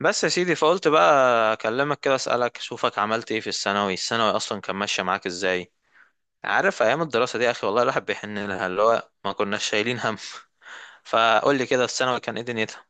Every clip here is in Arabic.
بس يا سيدي فقلت بقى اكلمك كده اسالك اشوفك عملت ايه في الثانوي اصلا كان ماشيه معاك ازاي؟ عارف ايام الدراسه دي يا اخي، والله الواحد بيحن لها، اللي هو ما كناش شايلين هم. فقول لي كده الثانوي كان ايه دنيتها.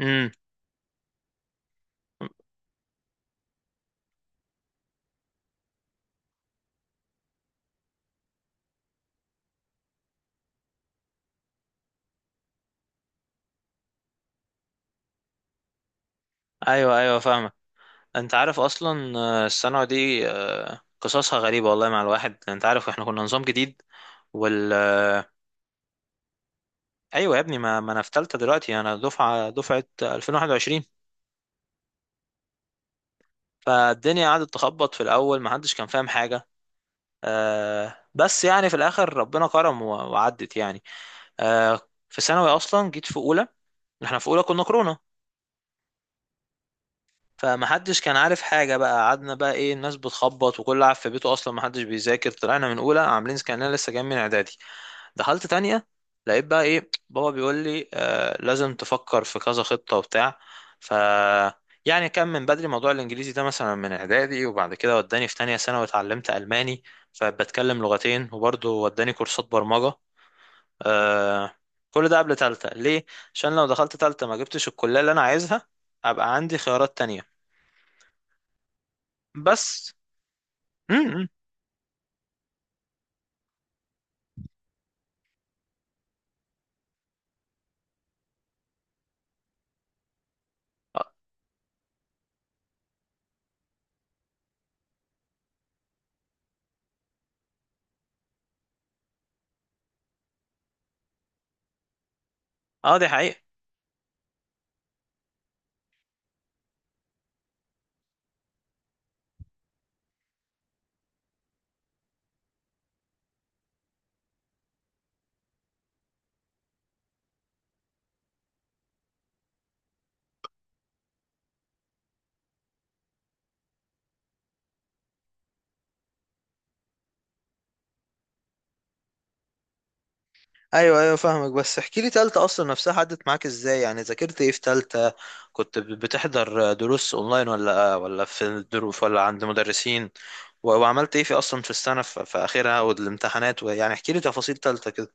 امم. ايوه ايوه فاهمك. انت عارف اصلا الثانوي دي قصصها غريبه والله مع الواحد، انت عارف احنا كنا نظام جديد وال آه، ايوه يا ابني، ما انا في ثالثه دلوقتي، انا دفعه 2021. فالدنيا قعدت تخبط في الاول، ما حدش كان فاهم حاجه. آه بس يعني في الاخر ربنا كرم وعدت يعني. آه. في ثانوي اصلا جيت في اولى، احنا في اولى كنا كورونا، فمحدش كان عارف حاجة بقى، قعدنا بقى ايه الناس بتخبط، وكل قاعد في بيته اصلا محدش بيذاكر. طلعنا من اولى عاملين كأننا لسه جايين من اعدادي. دخلت تانية لقيت بقى ايه، بابا بيقول لي لازم تفكر في كذا خطة وبتاع. ف يعني كان من بدري موضوع الانجليزي ده مثلا من اعدادي، وبعد كده وداني في تانية سنة واتعلمت الماني، فبتكلم لغتين، وبرضه وداني كورسات برمجة. آه. كل ده قبل تالتة ليه؟ عشان لو دخلت تالتة ما جبتش الكلية اللي انا عايزها، ابقى عندي خيارات تانية. بس. امم. اه. آه، دي حقيقة. ايوه ايوه فاهمك. بس احكي لي تالتة اصلا نفسها عدت معاك ازاي؟ يعني ذاكرت ايه في تالتة؟ كنت بتحضر دروس اونلاين ولا ولا في الدروس ولا عند مدرسين؟ وعملت ايه في اصلا في السنة في اخرها والامتحانات؟ ويعني احكي لي تفاصيل تالتة كده.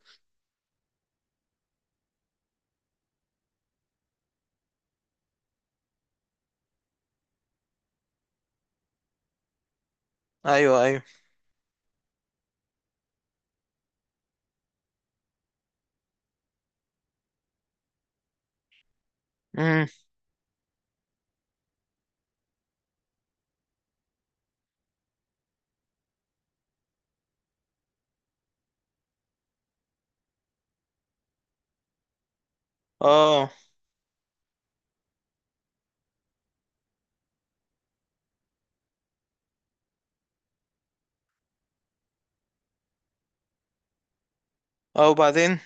ايوه ايوه. امم. اه. اه وبعدين؟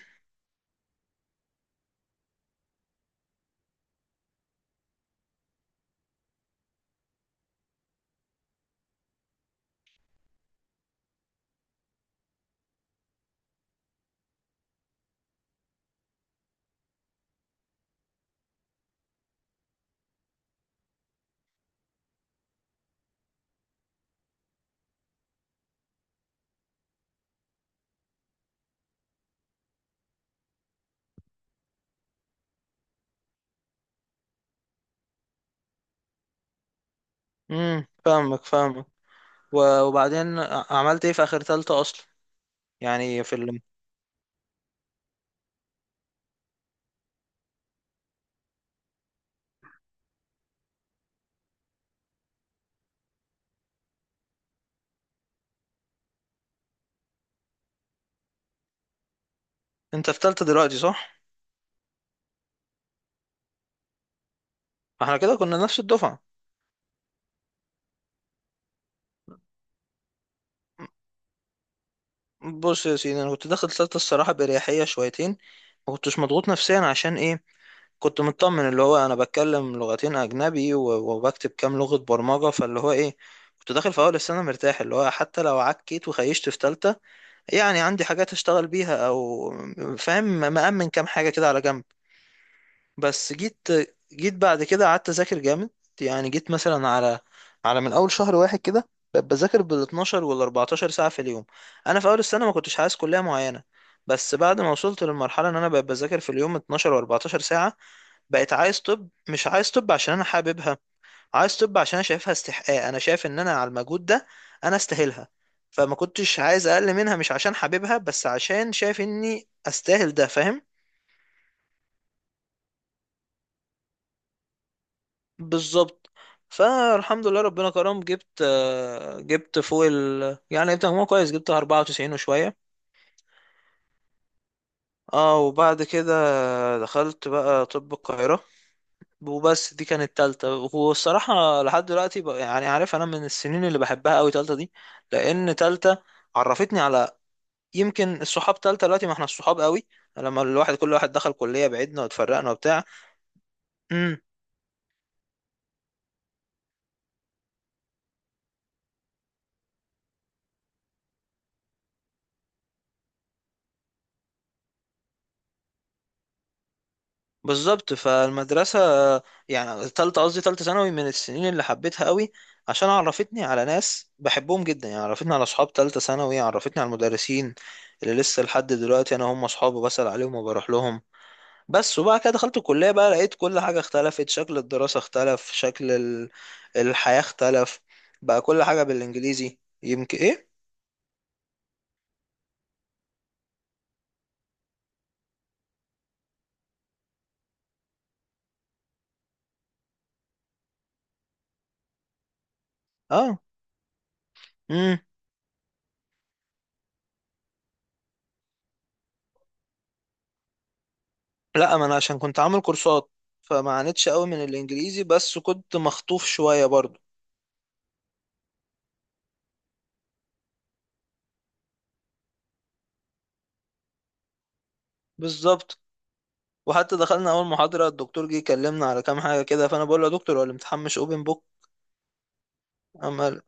فاهمك فاهمك. وبعدين عملت ايه في اخر تالتة اصلا؟ يعني في ال... انت في تالتة دلوقتي صح؟ احنا كده كنا نفس الدفعة. بص يا سيدي، انا كنت داخل الثالثه الصراحه باريحيه شويتين، ما كنتش مضغوط نفسيا. عشان ايه؟ كنت مطمن، اللي هو انا بتكلم لغتين اجنبي وبكتب كام لغه برمجه، فاللي هو ايه، كنت داخل في اول السنه مرتاح، اللي هو حتى لو عكيت وخيشت في ثالثه يعني عندي حاجات اشتغل بيها او، فاهم، مأمن كام حاجه كده على جنب. بس جيت بعد كده قعدت اذاكر جامد. يعني جيت مثلا على من اول شهر واحد كده بقيت بذاكر بال 12 وال 14 ساعه في اليوم. انا في اول السنه ما كنتش عايز كليه معينه، بس بعد ما وصلت للمرحله ان انا بقيت بذاكر في اليوم 12 و14 ساعه، بقيت عايز طب. مش عايز طب عشان انا حاببها، عايز طب عشان انا شايفها استحقاق، انا شايف ان انا على المجهود ده انا استاهلها، فما كنتش عايز اقل منها. مش عشان حاببها بس، عشان شايف اني استاهل ده، فاهم. بالظبط. فالحمد لله ربنا كرم، جبت جبت فوق ال يعني جبت مجموع كويس، جبت 94 وشوية. اه وبعد كده دخلت بقى طب القاهرة. وبس دي كانت تالتة. والصراحة لحد دلوقتي بقى يعني عارف، أنا من السنين اللي بحبها أوي تالتة دي. لأن تالتة عرفتني على يمكن الصحاب. تالتة دلوقتي ما احنا الصحاب قوي، لما الواحد كل واحد دخل كلية بعيدنا واتفرقنا وبتاع. بالظبط. فالمدرسة يعني تالتة، قصدي تالتة ثانوي، من السنين اللي حبيتها قوي عشان عرفتني على ناس بحبهم جدا. يعني عرفتني على أصحاب تالتة ثانوي، عرفتني على المدرسين اللي لسه لحد دلوقتي أنا هم أصحابي، بسأل عليهم وبروح لهم. بس وبعد كده دخلت الكلية بقى، لقيت كل حاجة اختلفت. شكل الدراسة اختلف، شكل الحياة اختلف، بقى كل حاجة بالإنجليزي، يمكن إيه؟ آه. مم. لا، ما أنا عشان كنت عامل كورسات فما عانيتش قوي من الإنجليزي، بس كنت مخطوف شوية برضو. بالظبط. وحتى دخلنا اول محاضره، الدكتور جه يكلمنا على كام حاجه كده، فانا بقول له يا دكتور هو الامتحان مش اوبن بوك؟ اما قال-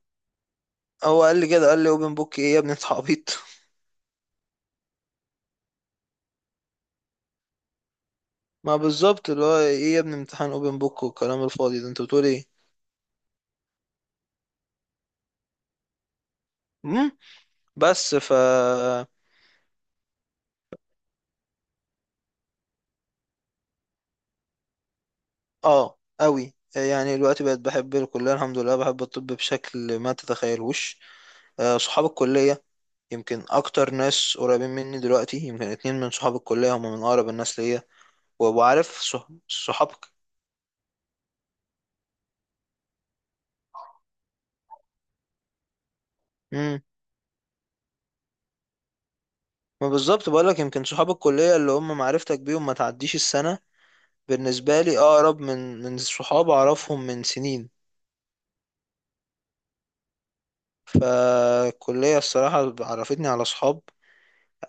هو قال لي كده، قال لي اوبن بوك ايه يا ابني، انت عبيط. ما بالظبط، اللي هو ايه يا ابني امتحان اوبن بوك والكلام الفاضي ده، انت بتقول ايه. امم. بس. اه قوي، يعني دلوقتي بقت بحب الكليه، الحمد لله بحب الطب بشكل ما تتخيلوش. آه، صحاب الكليه يمكن اكتر ناس قريبين مني دلوقتي. يمكن اتنين من صحاب الكليه هم من اقرب الناس ليا، وعارف صحاب. مم. ما بالظبط بقولك، يمكن صحاب الكلية اللي هم معرفتك بيهم ما تعديش السنة، بالنسبة لي أقرب من صحاب أعرفهم من سنين. فالكلية الصراحة عرفتني على صحاب،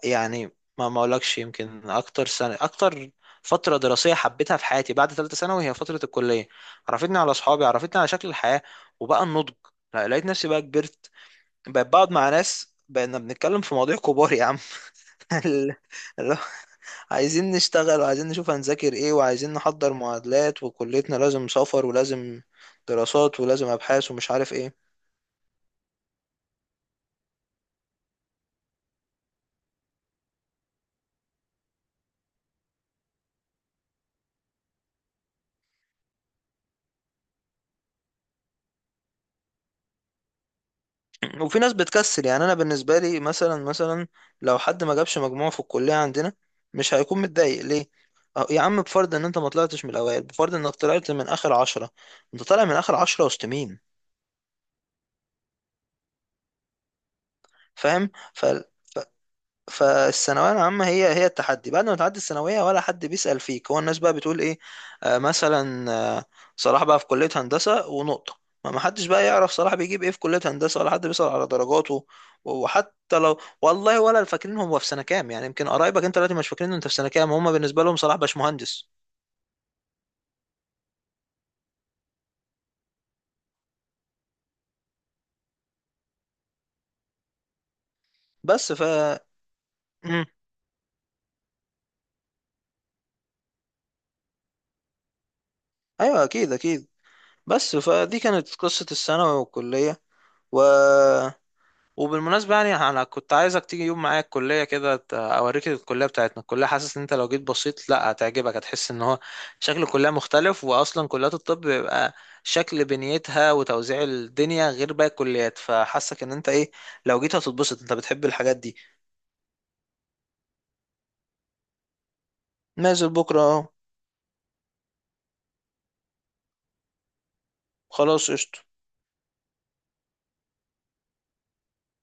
يعني ما أقولكش يمكن أكتر سنة، أكتر فترة دراسية حبيتها في حياتي بعد ثالثة ثانوي هي فترة الكلية. عرفتني على صحابي، عرفتني على شكل الحياة، وبقى النضج، لا، لقيت نفسي بقى كبرت. بقيت بقعد مع ناس بقينا بنتكلم في مواضيع كبار يا عم. اللي عايزين نشتغل، وعايزين نشوف هنذاكر ايه، وعايزين نحضر معادلات، وكليتنا لازم سفر، ولازم دراسات، ولازم ابحاث، ومش عارف ايه. وفي ناس بتكسل، يعني انا بالنسبه لي مثلا لو حد ما جابش مجموع في الكليه عندنا مش هيكون متضايق، ليه؟ أه، يا عم بفرض ان انت ما طلعتش من الاوائل، بفرض انك طلعت من اخر عشرة، انت طالع من اخر عشرة وسط مين، فاهم؟ فالثانويه العامه هي هي التحدي، بعد ما تعدي الثانويه ولا حد بيسال فيك. هو الناس بقى بتقول ايه، آه مثلا، آه، صلاح بقى في كليه هندسه ونقطه، ما ما حدش بقى يعرف صلاح بيجيب ايه في كليه هندسه، ولا حد بيسال على درجاته. وحتى لو، والله ولا فاكرين هو في سنه كام، يعني يمكن قرايبك انت دلوقتي مش فاكرين انت في سنه كام، هم بالنسبه لهم صلاح باشمهندس. بس. مم. ايوه اكيد اكيد. بس فدي كانت قصه الثانوي والكليه. و وبالمناسبة يعني أنا كنت عايزك تيجي يوم معايا الكلية كده، أوريك الكلية بتاعتنا. الكلية حاسس إن أنت لو جيت بسيط، لأ هتعجبك، هتحس إن هو شكل الكلية مختلف، وأصلا كليات الطب بيبقى شكل بنيتها وتوزيع الدنيا غير باقي الكليات، فحاسك إن أنت إيه لو جيت هتتبسط، أنت بتحب الحاجات دي. نازل بكرة أهو. خلاص قشطة.